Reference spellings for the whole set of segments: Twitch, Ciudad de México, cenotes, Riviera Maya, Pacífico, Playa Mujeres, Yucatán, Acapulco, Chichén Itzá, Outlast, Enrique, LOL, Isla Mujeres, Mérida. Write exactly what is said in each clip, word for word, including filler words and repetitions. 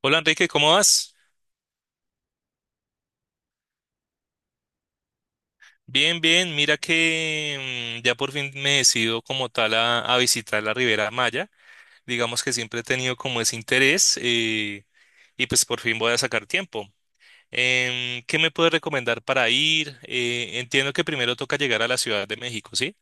Hola, Enrique, ¿cómo vas? Bien, bien. Mira que mm, ya por fin me decido como tal a, a visitar la Ribera Maya. Digamos que siempre he tenido como ese interés, eh, y pues por fin voy a sacar tiempo. Em, ¿qué me puedes recomendar para ir? Eh, entiendo que primero toca llegar a la Ciudad de México, ¿sí?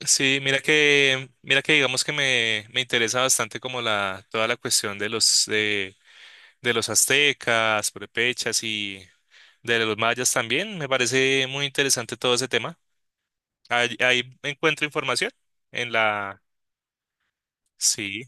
Sí, mira que, mira que digamos que me, me interesa bastante como la, toda la cuestión de los, de, de los aztecas, prepechas, de los mayas también. Me parece muy interesante todo ese tema. Ahí, ahí encuentro información en la... Sí,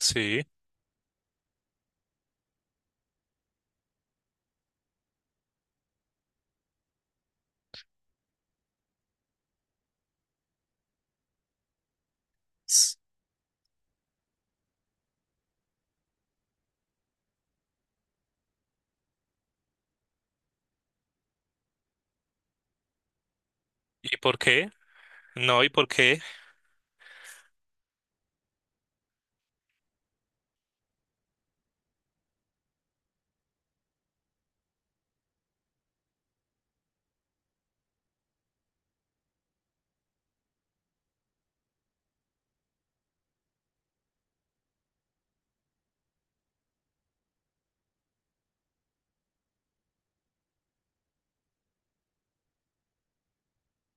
sí. S- ¿Y por qué? No, ¿y por qué?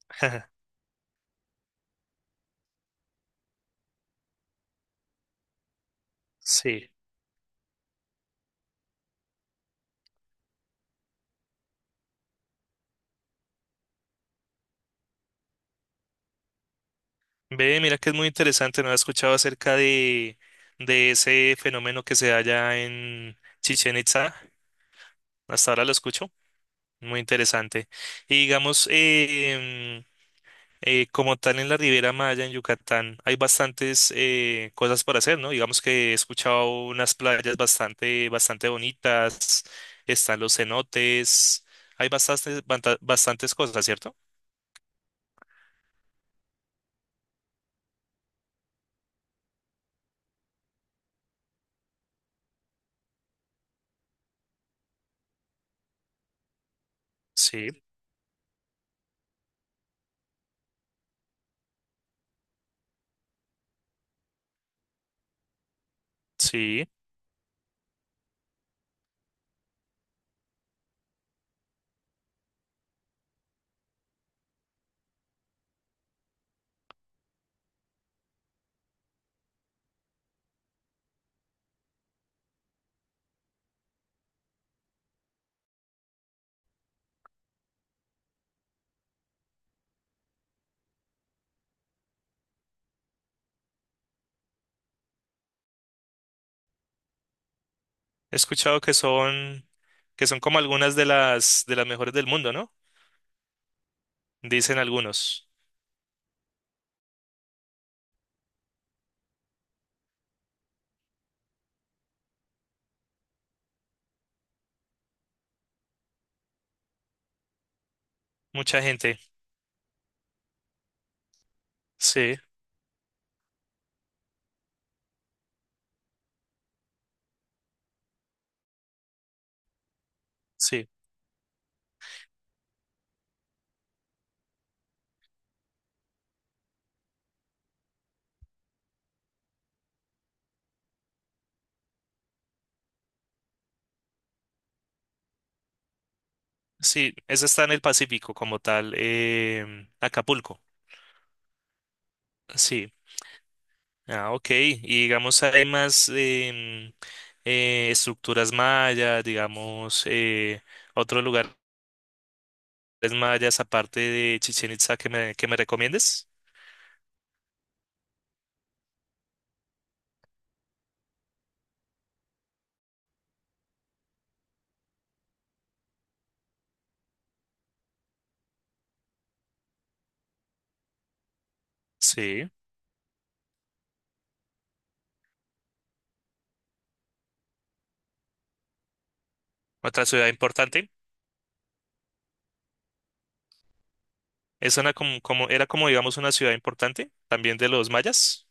Sí. Ve, mira que es muy interesante. No he escuchado acerca de, de ese fenómeno que se da allá en Chichen Itza. Hasta ahora lo escucho. Muy interesante. Y digamos, em, Eh, como tal en la Riviera Maya, en Yucatán, hay bastantes, eh, cosas por hacer, ¿no? Digamos que he escuchado unas playas bastante, bastante bonitas, están los cenotes, hay bastantes, banta- bastantes cosas, ¿cierto? Sí, sí. He escuchado que son, que son como algunas de las, de las mejores del mundo, ¿no? Dicen algunos. Mucha gente. Sí, sí, sí. Eso está en el Pacífico como tal. em, Acapulco. Sí. Ah, ok. Y digamos, hay más, em, eh, estructuras mayas, digamos, eh, otros lugares mayas aparte de Chichén Itzá que me, que me recomiendes. Sí. Otra ciudad importante. Es una como, como, era como, digamos, una ciudad importante también de los mayas.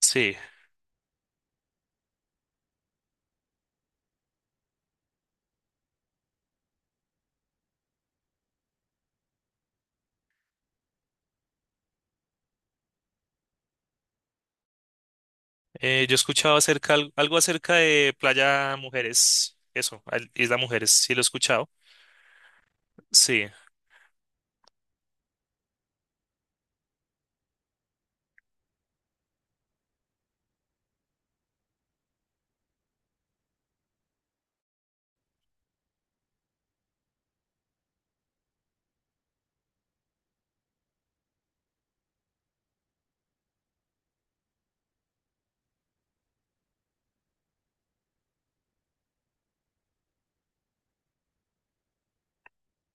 Sí. Eh, yo he escuchado acerca, al- algo acerca de Playa Mujeres. Eso, al- Isla Mujeres, sí lo he escuchado. Sí.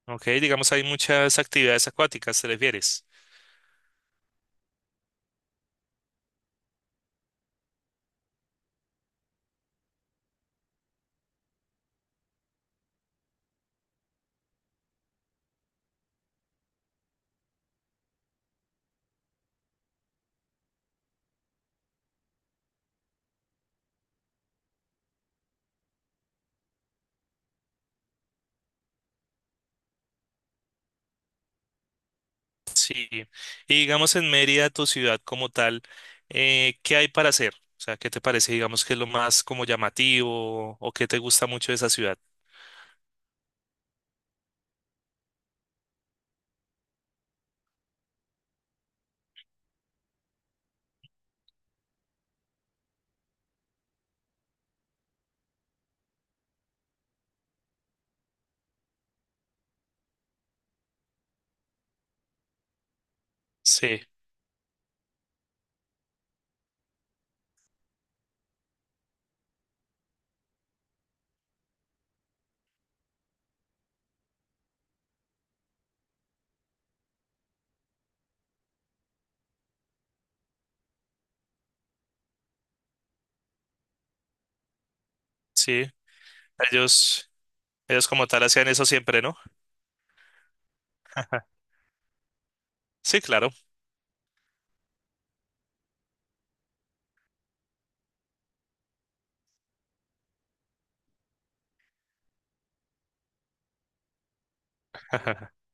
Ok, digamos, hay muchas actividades acuáticas, ¿te refieres? Sí, y digamos en Mérida, tu ciudad como tal, eh, ¿qué hay para hacer? O sea, ¿qué te parece, digamos, que es lo más como llamativo o qué te gusta mucho de esa ciudad? Sí, sí, ellos, ellos como tal hacían eso siempre, ¿no? Sí, claro.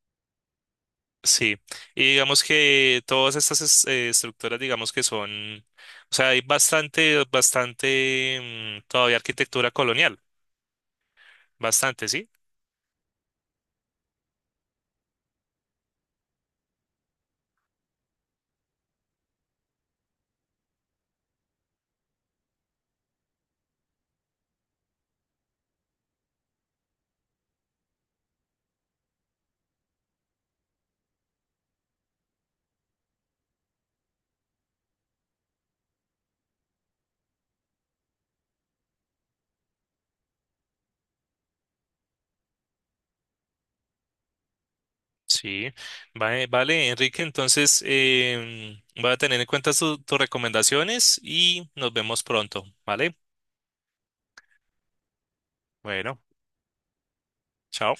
Sí, y digamos que todas estas, es- eh, estructuras, digamos que son, o sea, hay bastante, bastante, mm, todavía arquitectura colonial, bastante, ¿sí? Sí, vale, vale, Enrique, entonces, em, voy a tener en cuenta tu- tus recomendaciones y nos vemos pronto, ¿vale? Bueno. Chao.